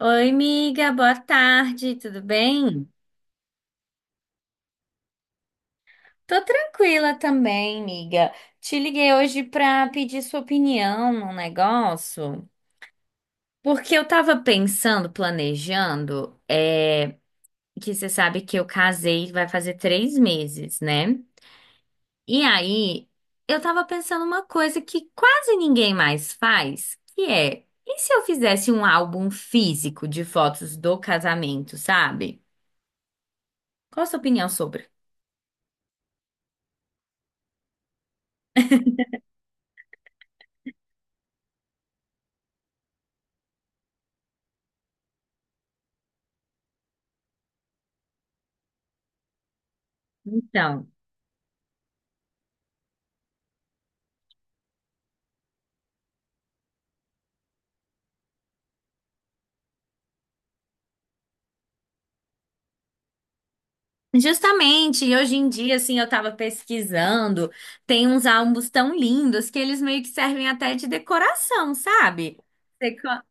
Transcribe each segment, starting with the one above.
Oi, amiga. Boa tarde, tudo bem? Tô tranquila também, amiga. Te liguei hoje pra pedir sua opinião num negócio, porque eu tava pensando, planejando, que você sabe que eu casei, vai fazer 3 meses, né? E aí, eu tava pensando uma coisa que quase ninguém mais faz, que é, e se eu fizesse um álbum físico de fotos do casamento, sabe? Qual a sua opinião sobre? Então. Justamente, e hoje em dia, assim, eu tava pesquisando, tem uns álbuns tão lindos que eles meio que servem até de decoração, sabe? Você co-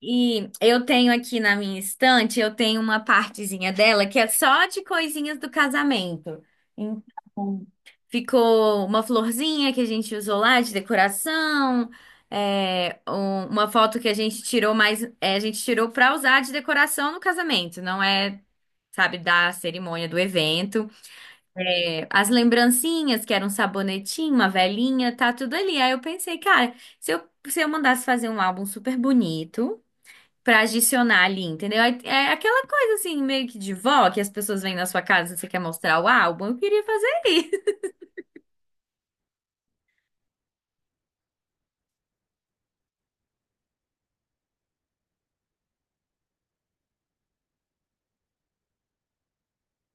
E eu tenho aqui na minha estante, eu tenho uma partezinha dela que é só de coisinhas do casamento. Então, ficou uma florzinha que a gente usou lá de decoração, uma foto que a gente tirou mas a gente tirou pra usar de decoração no casamento, não é, sabe, da cerimônia do evento. É, as lembrancinhas, que era um sabonetinho, uma velinha, tá tudo ali. Aí eu pensei, cara, se eu mandasse fazer um álbum super bonito pra adicionar ali, entendeu? Aí, aquela coisa assim, meio que de vó, que as pessoas vêm na sua casa e você quer mostrar o álbum. Eu queria fazer isso.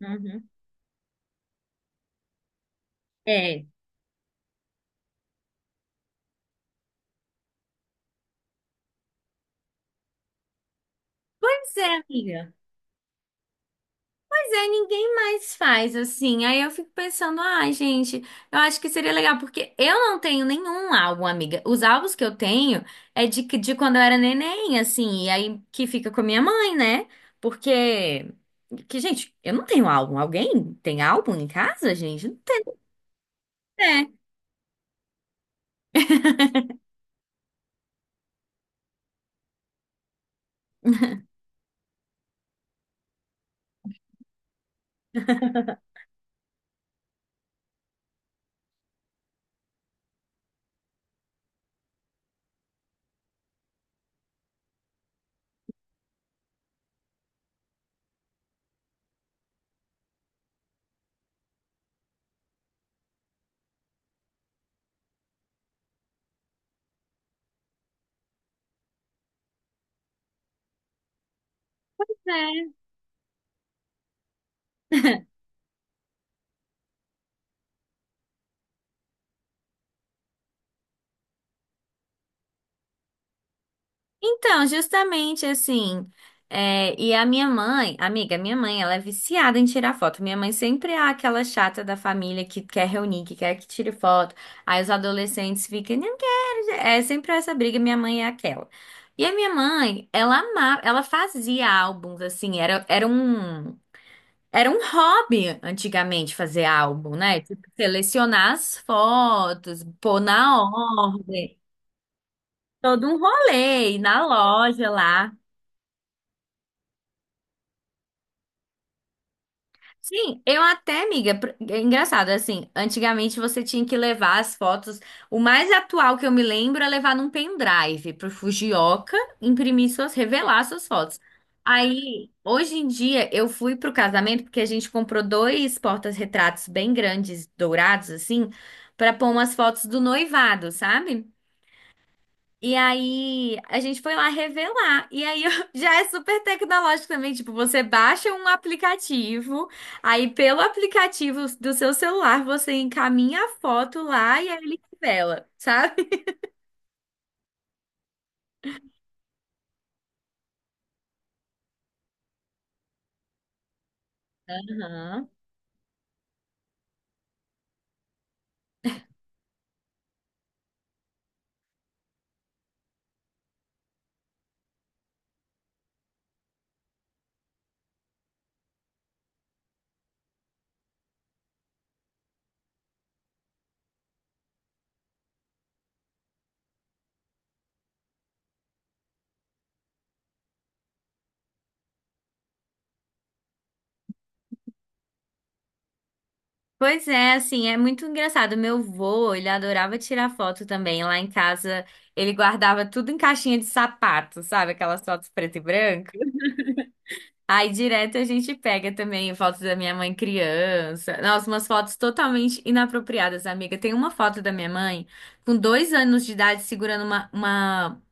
Uhum. É. Pois é, amiga. Ninguém mais faz assim. Aí eu fico pensando, ah, gente, eu acho que seria legal, porque eu não tenho nenhum álbum, amiga. Os álbuns que eu tenho de quando eu era neném, assim, e aí que fica com a minha mãe, né? Porque, que, gente, eu não tenho álbum. Alguém tem álbum em casa, gente? Não tem, né? É. Então, justamente assim, e a minha mãe, amiga, minha mãe, ela é viciada em tirar foto. Minha mãe sempre é aquela chata da família que quer reunir, que quer que tire foto. Aí os adolescentes ficam, não quero. É sempre essa briga, minha mãe é aquela. E a minha mãe, ela amava, ela fazia álbuns, assim, era um hobby antigamente fazer álbum, né? Tipo, selecionar as fotos, pôr na ordem. Todo um rolê, ir na loja lá. Sim, eu até, amiga, é engraçado, assim, antigamente você tinha que levar as fotos, o mais atual que eu me lembro é levar num pendrive pro Fujioka imprimir suas, revelar suas fotos. Aí, hoje em dia, eu fui pro casamento porque a gente comprou dois portas-retratos bem grandes, dourados, assim, pra pôr umas fotos do noivado, sabe? E aí, a gente foi lá revelar. E aí, já é super tecnológico também. Tipo, você baixa um aplicativo, aí pelo aplicativo do seu celular, você encaminha a foto lá e aí ele revela, sabe? Aham. Pois é, assim, é muito engraçado. Meu vô, ele adorava tirar foto também. Lá em casa, ele guardava tudo em caixinha de sapato, sabe? Aquelas fotos preto e branco. Aí direto a gente pega também fotos da minha mãe criança. Nossa, umas fotos totalmente inapropriadas, amiga. Tem uma foto da minha mãe com 2 anos de idade segurando uma, uma,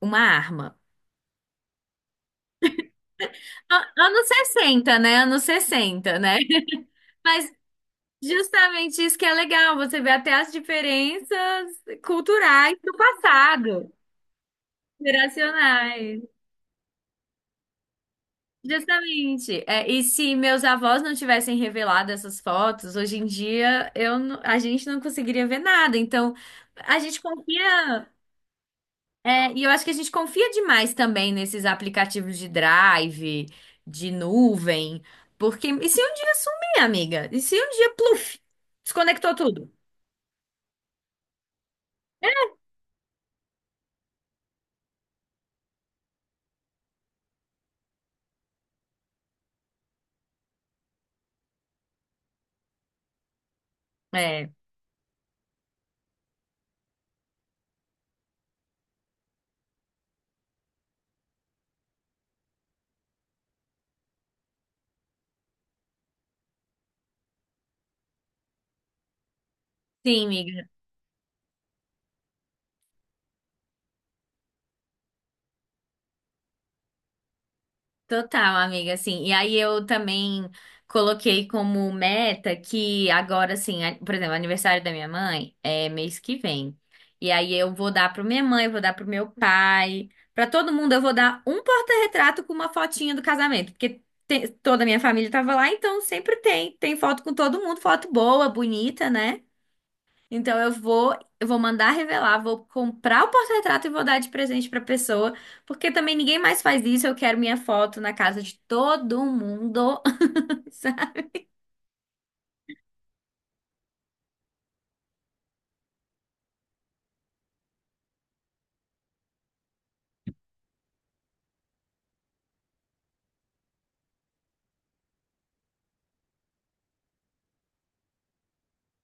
uma arma. Anos 60, né? Anos 60, né? Mas justamente isso que é legal, você vê até as diferenças culturais do passado, geracionais. Justamente. É, e se meus avós não tivessem revelado essas fotos, hoje em dia eu, a gente não conseguiria ver nada. Então, a gente confia. E eu acho que a gente confia demais também nesses aplicativos de drive, de nuvem. Porque. E se um dia sumir, amiga? E se um dia, pluf, desconectou tudo? É. Sim, amiga. Total, amiga, assim. E aí eu também coloquei como meta que agora, assim, por exemplo, o aniversário da minha mãe é mês que vem. E aí eu vou dar para minha mãe, eu vou dar pro meu pai, para todo mundo eu vou dar um porta-retrato com uma fotinha do casamento, porque toda a minha família tava lá, então sempre tem, tem foto com todo mundo, foto boa, bonita, né? Então eu vou mandar revelar, vou comprar o porta-retrato e vou dar de presente pra pessoa, porque também ninguém mais faz isso. Eu quero minha foto na casa de todo mundo. sabe?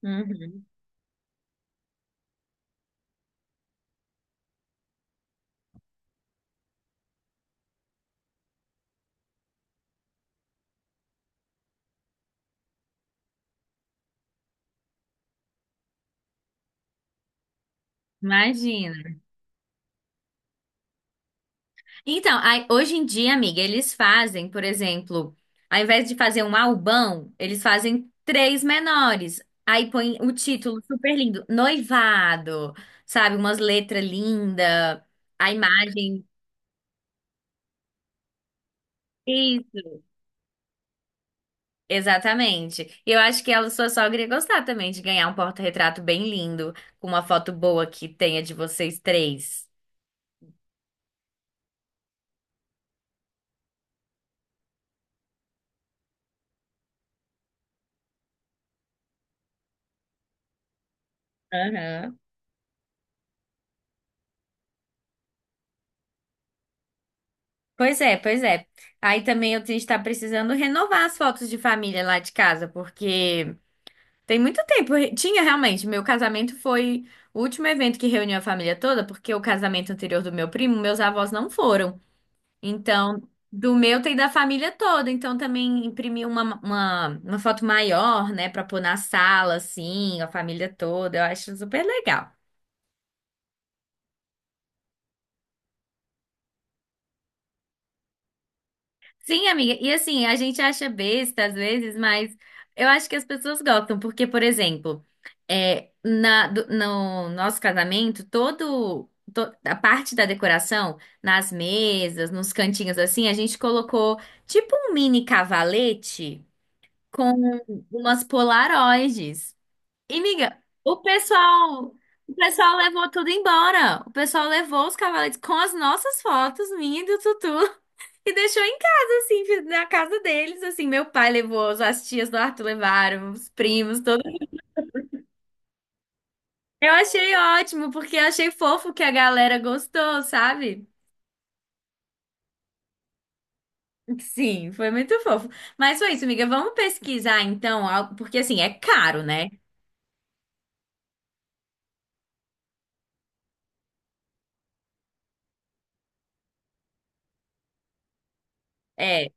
Uhum. Imagina. Então, aí, hoje em dia, amiga, eles fazem, por exemplo, ao invés de fazer um albão, eles fazem três menores. Aí põe o título super lindo, noivado, sabe? Umas letras lindas, a imagem. Isso. Exatamente. E eu acho que ela, sua sogra, ia gostar também de ganhar um porta-retrato bem lindo, com uma foto boa que tenha de vocês três. Aham. Pois é, pois é. Aí também eu a gente tá precisando renovar as fotos de família lá de casa, porque tem muito tempo. Tinha realmente, meu casamento foi o último evento que reuniu a família toda, porque o casamento anterior do meu primo, meus avós não foram. Então, do meu tem da família toda. Então, também imprimi uma foto maior, né, pra pôr na sala, assim, a família toda. Eu acho super legal. Sim, amiga. E assim, a gente acha besta às vezes, mas eu acho que as pessoas gostam, porque, por exemplo, no nosso casamento, a parte da decoração, nas mesas, nos cantinhos assim, a gente colocou tipo um mini cavalete com umas polaroides. E, miga, o pessoal, o pessoal levou tudo embora. O pessoal levou os cavaletes com as nossas fotos, minha e do Tutu, e deixou em casa, assim, na casa deles, assim. Meu pai levou, as tias do Arthur levaram, os primos, todo. Eu achei ótimo, porque eu achei fofo que a galera gostou, sabe? Sim, foi muito fofo. Mas foi isso, amiga. Vamos pesquisar então, porque assim, é caro, né? É,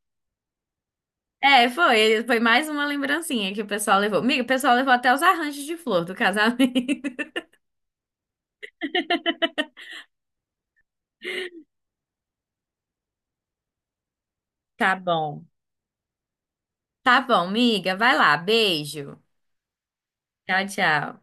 É, foi. Foi mais uma lembrancinha que o pessoal levou. Miga, o pessoal levou até os arranjos de flor do casamento. Tá bom. Tá bom, miga. Vai lá. Beijo. Tchau, tchau.